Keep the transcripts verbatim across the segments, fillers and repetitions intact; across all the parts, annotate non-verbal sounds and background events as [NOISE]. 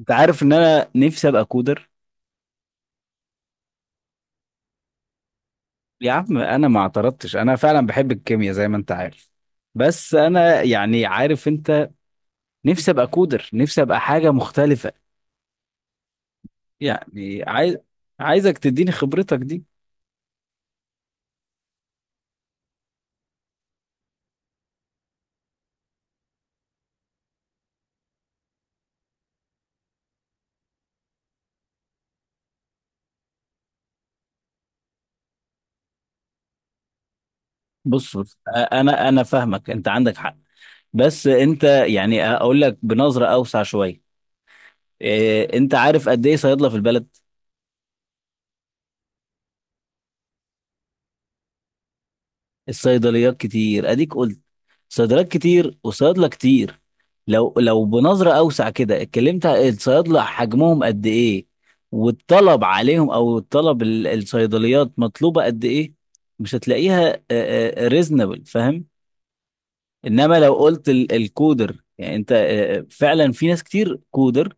انت عارف ان انا نفسي ابقى كودر. يا عم انا ما اعترضتش، انا فعلا بحب الكيمياء زي ما انت عارف، بس انا يعني عارف انت. نفسي ابقى كودر، نفسي ابقى حاجة مختلفة يعني عايز، عايزك تديني خبرتك دي. بص بص أ- انا انا فاهمك، انت عندك حق، بس انت يعني اقول لك بنظرة اوسع شوية. إيه، انت عارف قد ايه صيدلة في البلد؟ الصيدليات كتير، اديك قلت، صيدلات كتير وصيادله كتير. لو لو بنظره اوسع كده اتكلمت، الصيادله حجمهم قد ايه والطلب عليهم، او الطلب ال- الصيدليات مطلوبه قد ايه؟ مش هتلاقيها ريزنبل، فاهم؟ انما لو قلت ال- الكودر، يعني انت آه، فعلا في ناس كتير كودر،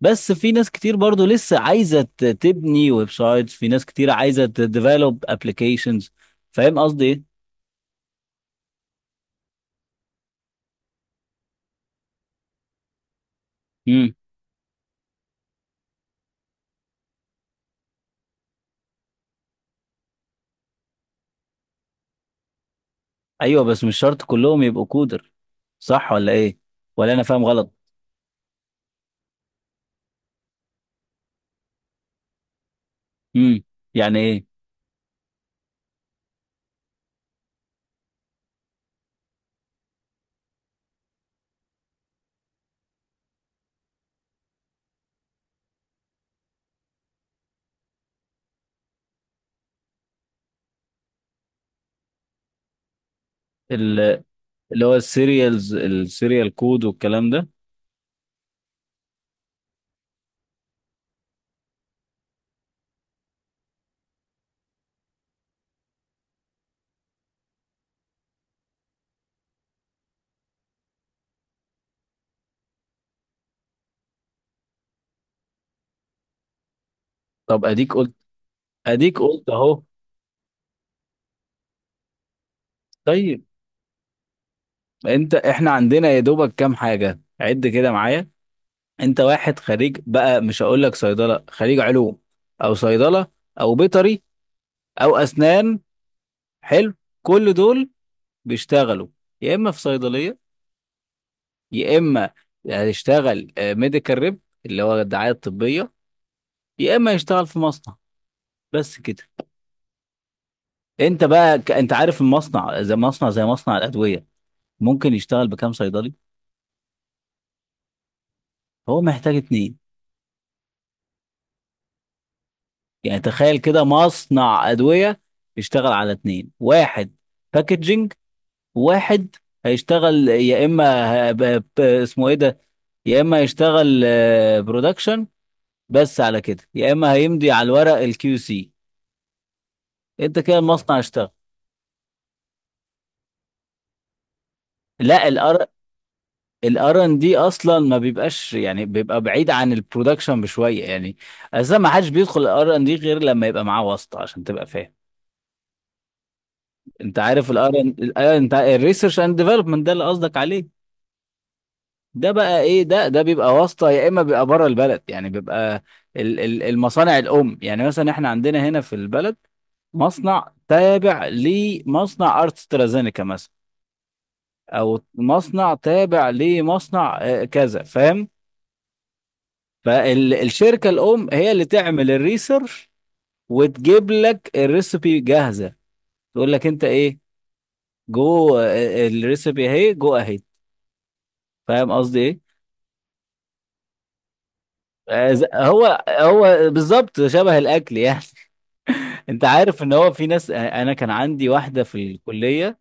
بس في ناس كتير برضو لسه عايزه ت- تبني ويب سايتس، في ناس كتير عايزه تديفلوب ابلكيشنز. فاهم قصدي ايه؟ ايوه، بس مش شرط كلهم يبقوا كودر، صح ولا ايه؟ ولا انا فاهم غلط؟ امم يعني ايه؟ ال- اللي هو السيريالز، السيريال كود والكلام ده. طب اديك قلت، اديك قلت اهو. طيب انت، احنا عندنا يا دوبك كام حاجه، عد كده معايا. انت واحد خريج بقى، مش هقول لك صيدله، خريج علوم او صيدله او بيطري او اسنان، حلو. كل دول بيشتغلوا يا اما في صيدليه، يا اما هيشتغل ميديكال ريب اللي هو الدعايه الطبيه، يا اما يشتغل في مصنع، بس كده. انت بقى ك... انت عارف المصنع، زي مصنع، زي مصنع الادويه، ممكن يشتغل بكام صيدلي؟ هو محتاج اتنين. يعني تخيل كده، مصنع ادويه يشتغل على اتنين، واحد باكجينج، واحد هيشتغل يا اما ه- ب... ب... اسمه ايه ده، يا اما يشتغل برودكشن، بس. على كده يا اما هيمضي على الورق، الكيو سي. انت كده المصنع اشتغل. لا، الار، الار ان دي اصلا ما بيبقاش، يعني بيبقى بعيد عن البرودكشن بشويه يعني. اساسا ما حدش بيدخل الار ان دي غير لما يبقى معاه واسطه، عشان تبقى فاهم. انت عارف الار ان، انت الريسيرش اند ديفلوبمنت ده اللي قصدك عليه. ده بقى ايه ده، ده بيبقى واسطه، يا اما بيبقى بره البلد. يعني بيبقى ال- ال- المصانع الام، يعني مثلا احنا عندنا هنا في البلد مصنع تابع لمصنع ارت سترازينيكا مثلا، او مصنع تابع لمصنع آه، كذا، فاهم. فالشركة الأم هي اللي تعمل الريسيرش وتجيب لك الريسبي جاهزة، تقول لك أنت إيه، جو، آه، الريسبي أهي، جو أهي. فاهم قصدي إيه؟ آه، ز- هو هو بالظبط شبه الأكل يعني. [LAUGHS] أنت عارف إن هو في ناس، آه، أنا كان عندي واحدة في الكلية،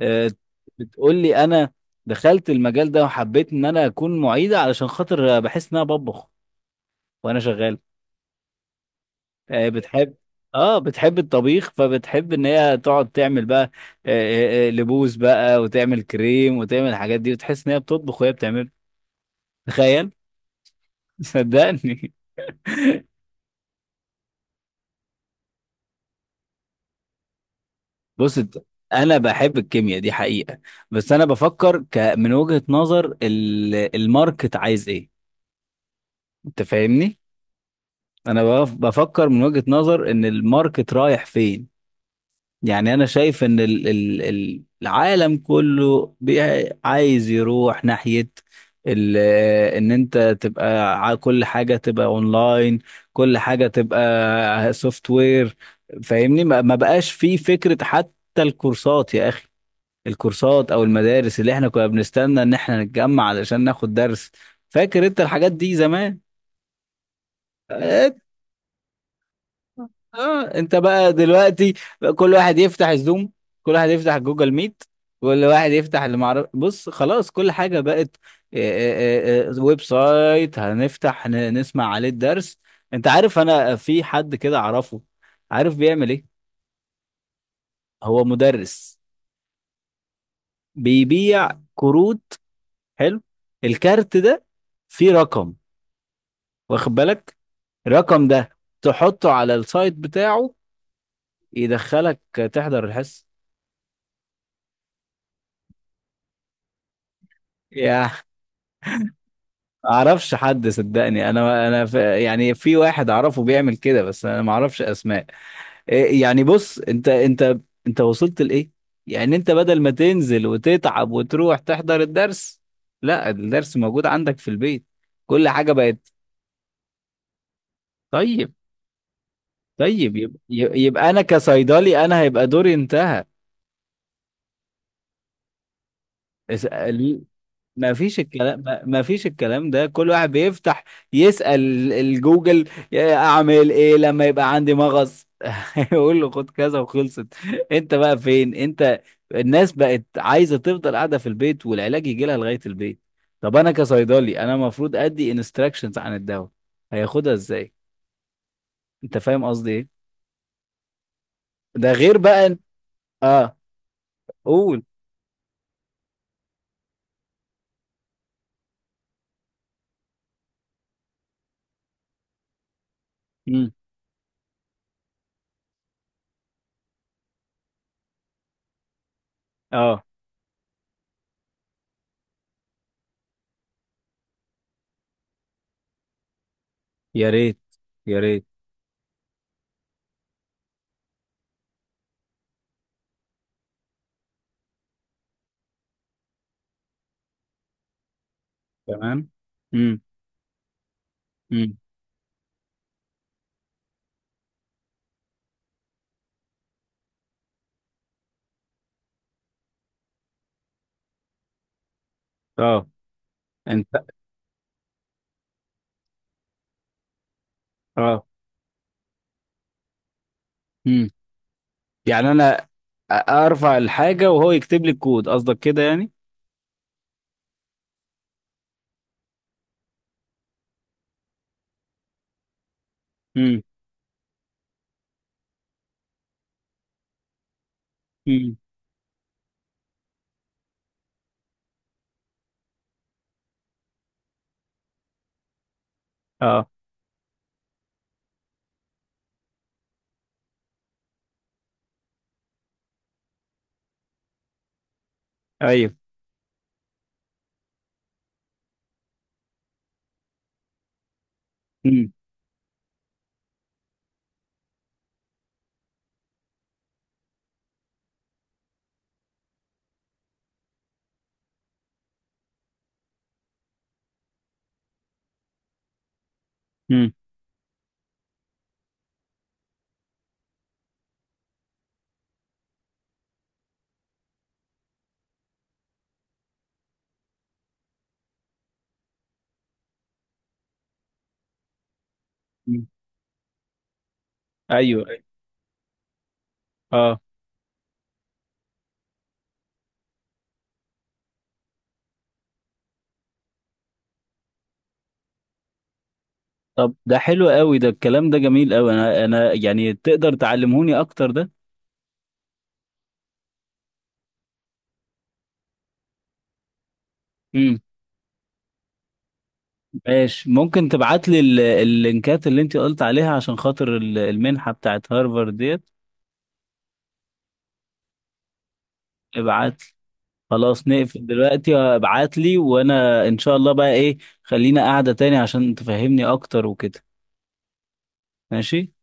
آه، بتقول لي أنا دخلت المجال ده وحبيت إن أنا أكون معيدة، علشان خاطر بحس إن أنا بطبخ وأنا شغال. آه، بتحب، اه بتحب الطبيخ، فبتحب ان هي تقعد تعمل بقى آه، آه، آه، لبوس بقى، وتعمل كريم، وتعمل الحاجات دي، وتحس ان هي بتطبخ وهي بتعمل. تخيل. [LAUGHS] صدقني. بص انت- انا بحب الكيمياء دي حقيقة، بس انا بفكر ك من وجهة نظر ال- الماركت عايز ايه. انت فاهمني، انا بف- بفكر من وجهة نظر ان الماركت رايح فين. يعني انا شايف ان ال- ال- ال- العالم كله بي- عايز يروح ناحية ال- ان انت تبقى ع- كل حاجة تبقى اونلاين، كل حاجة تبقى سوفت وير. فاهمني، ما ما بقاش في فكرة حتى الكورسات يا اخي، الكورسات او المدارس اللي احنا كنا بنستنى ان احنا نتجمع علشان ناخد درس، فاكر انت الحاجات دي زمان؟ اه انت بقى دلوقتي، بقى كل واحد يفتح الزوم، كل واحد يفتح جوجل ميت، كل واحد يفتح اللي معرف، بص خلاص، كل حاجة بقت آه، آه، آه، ويب سايت هنفتح ن- نسمع عليه الدرس. انت عارف انا في حد كده اعرفه، عارف بيعمل ايه؟ هو مدرس، بيبيع كروت، حلو. الكارت ده فيه رقم، واخد بالك؟ الرقم ده تحطه على السايت بتاعه، يدخلك، تحضر الحصة. يا اعرفش حد صدقني، انا انا ف... يعني في واحد اعرفه بيعمل كده، بس انا ما اعرفش اسماء. إيه يعني، بص انت، انت انت وصلت لايه؟ يعني انت بدل ما تنزل وتتعب وتروح تحضر الدرس، لا، الدرس موجود عندك في البيت، كل حاجة بقت. طيب. طيب، يبقى، يبقى انا كصيدلي انا هيبقى دوري انتهى. ما فيش الكلام، ما ما فيش الكلام ده، كل واحد بيفتح يسأل الجوجل، يا اعمل ايه لما يبقى عندي مغص، [LAUGHS] يقول له خد كذا وخلصت. انت بقى فين انت؟ الناس بقت عايزة تفضل قاعدة في البيت، والعلاج يجي لها لغاية البيت. طب انا كصيدلي انا المفروض ادي انستراكشنز عن الدواء، هياخدها ازاي؟ انت فاهم قصدي ايه؟ ده غير بقى إن- اه، قول. امم اه، يا ريت، يا ريت. تمام، امم امم اه، انت، اه. امم يعني انا ارفع الحاجه وهو يكتب لي الكود، قصدك كده يعني؟ امم امم اه. ايوه، امم امم ايوه، أيوة. اه. طب ده حلو قوي، ده الكلام ده جميل قوي، انا انا يعني تقدر تعلمهوني اكتر ده. امم ماشي. ممكن تبعت لي ال- اللينكات اللي انت قلت عليها، عشان خاطر ال- المنحه بتاعت هارفارد ديت؟ ابعت لي، خلاص نقفل دلوقتي، ابعت لي وانا ان شاء الله بقى ايه، خلينا قاعده تاني عشان تفهمني اكتر وكده. ماشي.